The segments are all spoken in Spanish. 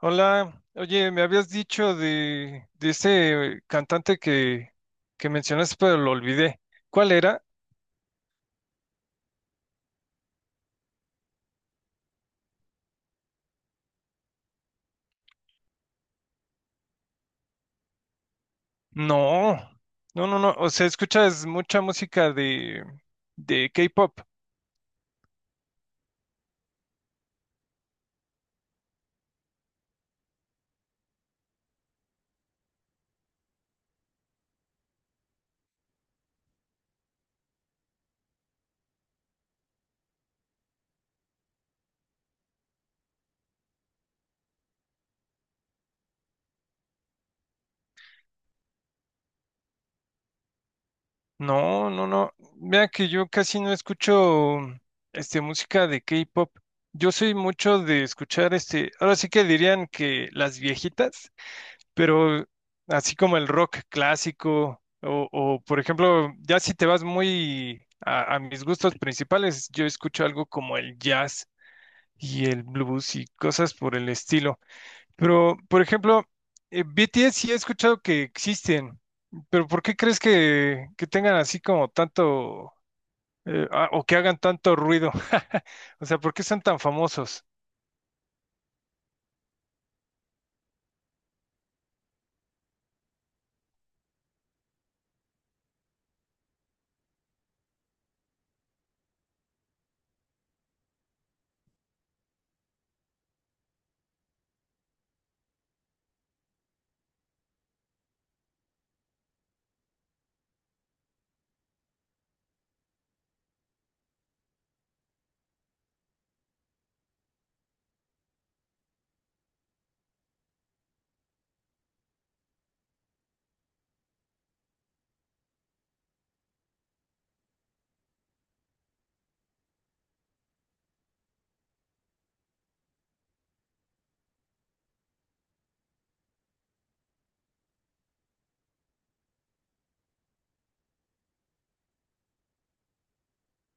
Hola, oye, me habías dicho de ese cantante que mencionaste, pero lo olvidé. ¿Cuál era? No, no, no, no. O sea, escuchas mucha música de K-pop. No, no, no. Mira que yo casi no escucho este, música de K-pop. Yo soy mucho de escuchar este. Ahora sí que dirían que las viejitas. Pero así como el rock clásico, o, por ejemplo, ya si te vas muy a mis gustos principales, yo escucho algo como el jazz y el blues y cosas por el estilo. Pero, por ejemplo, BTS sí he escuchado que existen, pero ¿por qué crees que tengan así como tanto, o que hagan tanto ruido? O sea, ¿por qué son tan famosos?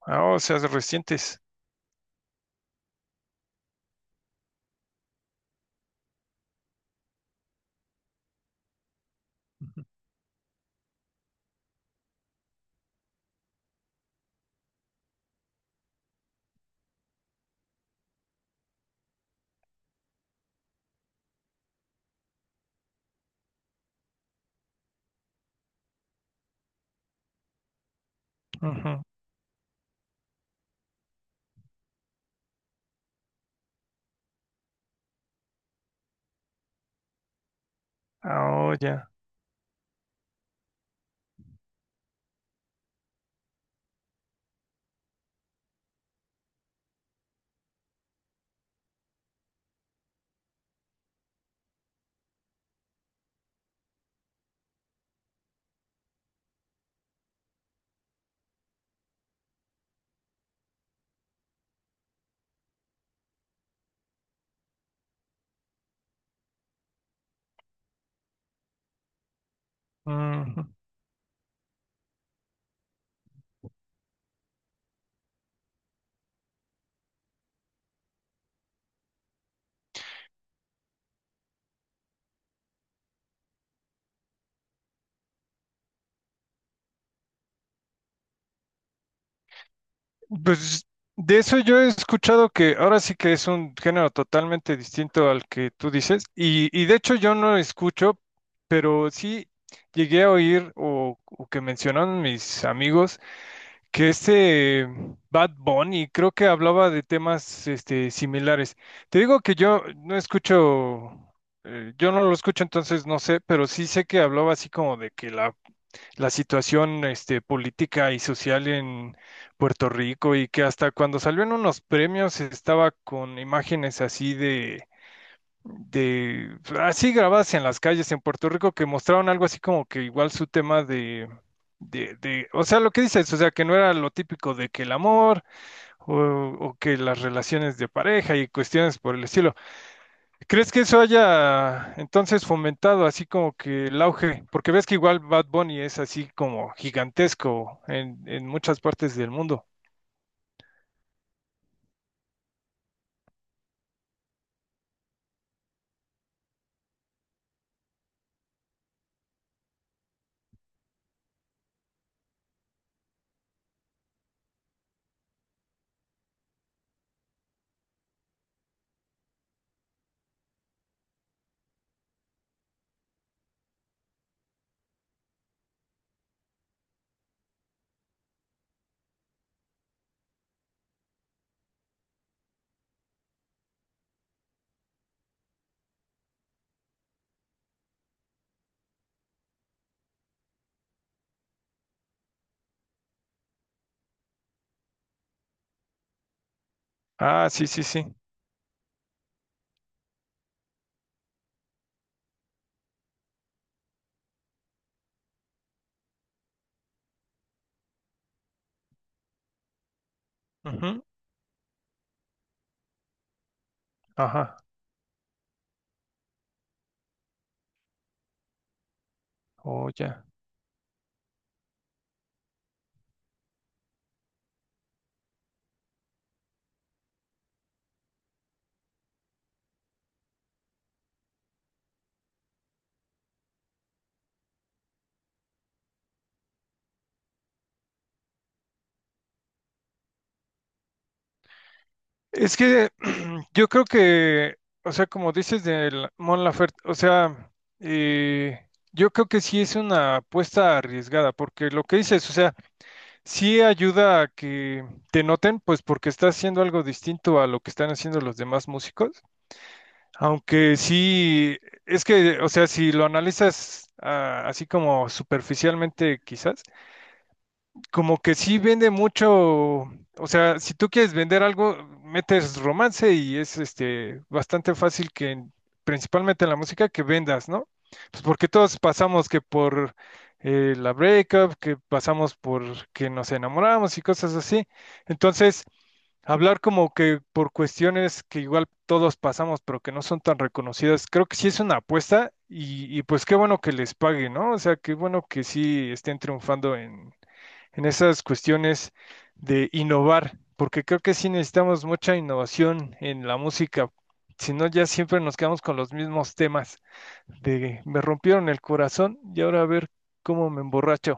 Ah, o sea, recientes. Ujú. Ah, oh, ya. Pues de eso yo he escuchado que ahora sí que es un género totalmente distinto al que tú dices, y de hecho yo no escucho, pero sí llegué a oír o que mencionaron mis amigos que este Bad Bunny creo que hablaba de temas este, similares. Te digo que yo no escucho, yo no lo escucho entonces no sé, pero sí sé que hablaba así como de que la situación este, política y social en Puerto Rico y que hasta cuando salió en unos premios estaba con imágenes así de así grabadas en las calles en Puerto Rico que mostraron algo así como que igual su tema de... De, o sea, lo que dices, o sea, que no era lo típico de que el amor o, o que las relaciones de pareja y cuestiones por el estilo. ¿Crees que eso haya entonces fomentado así como que el auge? Porque ves que igual Bad Bunny es así como gigantesco en muchas partes del mundo. Ah, sí, sí, sí. Ujú. Ajá. Oh, ya. Es que yo creo que, o sea, como dices del Mon Laferte, o sea, eh, yo creo que sí es una apuesta arriesgada, porque lo que dices, o sea, sí ayuda a que te noten, pues porque estás haciendo algo distinto a lo que están haciendo los demás músicos, aunque sí, es que, o sea, si lo analizas ah, así como superficialmente quizás como que sí vende mucho, o sea, si tú quieres vender algo, metes romance y es este bastante fácil que en- principalmente en la música que vendas, ¿no? Pues porque todos pasamos que por la breakup, que pasamos por que nos enamoramos y cosas así. Entonces, hablar como que por cuestiones que igual todos pasamos, pero que no son tan reconocidas, creo que sí es una apuesta y pues qué bueno que les pague, ¿no? O sea, qué bueno que sí estén triunfando en esas cuestiones de innovar, porque creo que sí necesitamos mucha innovación en la música, si no ya siempre nos quedamos con los mismos temas de me rompieron el corazón y ahora a ver cómo me emborracho.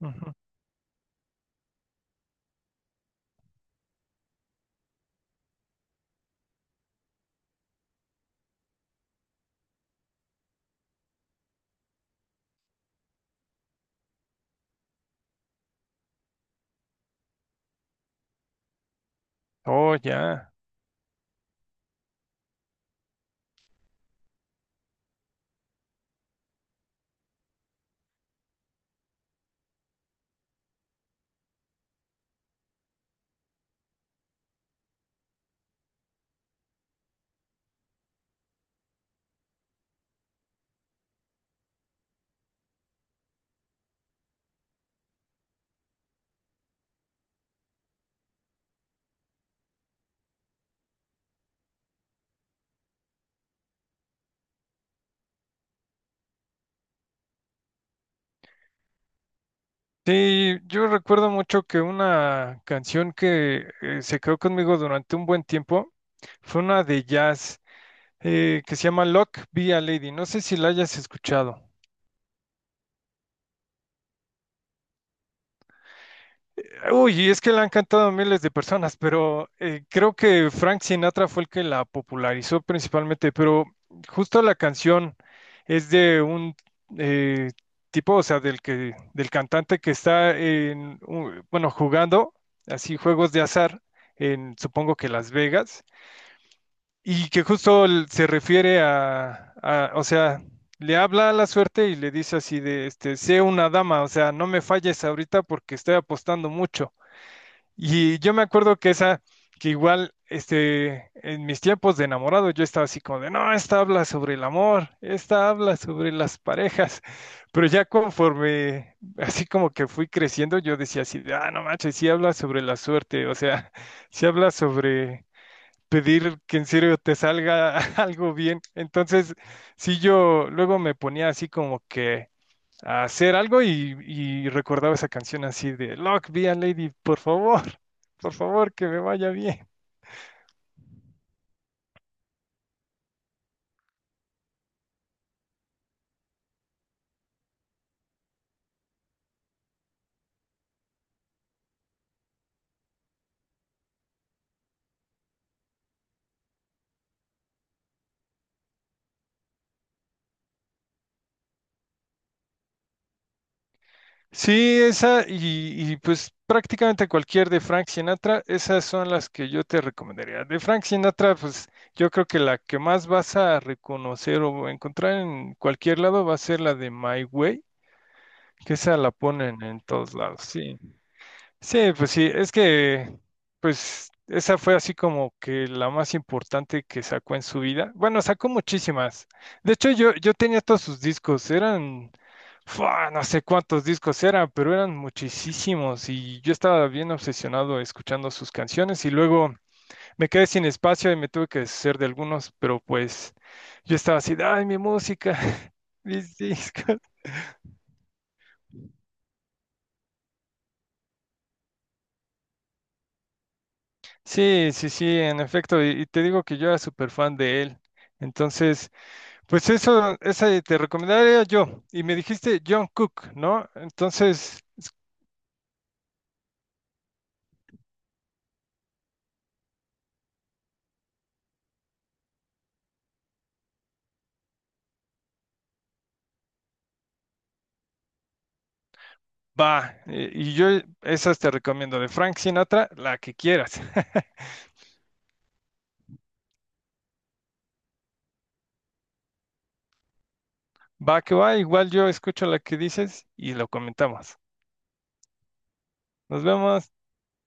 Ujú. Oh, ya. Sí, yo recuerdo mucho que una canción que se quedó conmigo durante un buen tiempo fue una de jazz que se llama Lock Be a Lady. No sé si la hayas escuchado. Uy, es que la han cantado a miles de personas, pero creo que Frank Sinatra fue el que la popularizó principalmente, pero justo la canción es de un eh, tipo, o sea, del que, del cantante que está en, un- bueno, jugando así juegos de azar en, supongo que Las Vegas, y que justo l- se refiere a, o sea, le habla a la suerte y le dice así de, este, sé una dama, o sea, no me falles ahorita porque estoy apostando mucho. Y yo me acuerdo que esa, que igual, este, en mis tiempos de enamorado, yo estaba así como de, no, esta habla sobre el amor, esta habla sobre las parejas. Pero ya conforme, así como que fui creciendo, yo decía así, de, ah, no manches, sí habla sobre la suerte, o sea, sí habla sobre pedir que en serio te salga algo bien. Entonces, sí, yo luego me ponía así como que a hacer algo y recordaba esa canción así de Lock, be a lady, por favor, por favor, que me vaya bien. Sí, esa y, pues prácticamente cualquier de Frank Sinatra, esas son las que yo te recomendaría. De Frank Sinatra, pues yo creo que la que más vas a reconocer o encontrar en cualquier lado va a ser la de My Way, que esa la ponen en todos lados. Sí. Sí, pues sí, es que, pues, esa fue así como que la más importante que sacó en su vida. Bueno, sacó muchísimas. De hecho, yo tenía todos sus discos, eran, ¡fua! No sé cuántos discos eran, pero eran muchísimos y yo estaba bien obsesionado escuchando sus canciones y luego me quedé sin espacio y me tuve que deshacer de algunos, pero pues yo estaba así, ay, mi música, mis discos. Sí, sí, sí, en efecto, y te digo que yo era súper fan de él. Entonces, pues eso, esa te recomendaría yo. Y me dijiste John Cook, ¿no? Entonces, va, y yo esas te recomiendo, de Frank Sinatra, la que quieras. Va que va, igual yo escucho la que dices y lo comentamos. Nos vemos.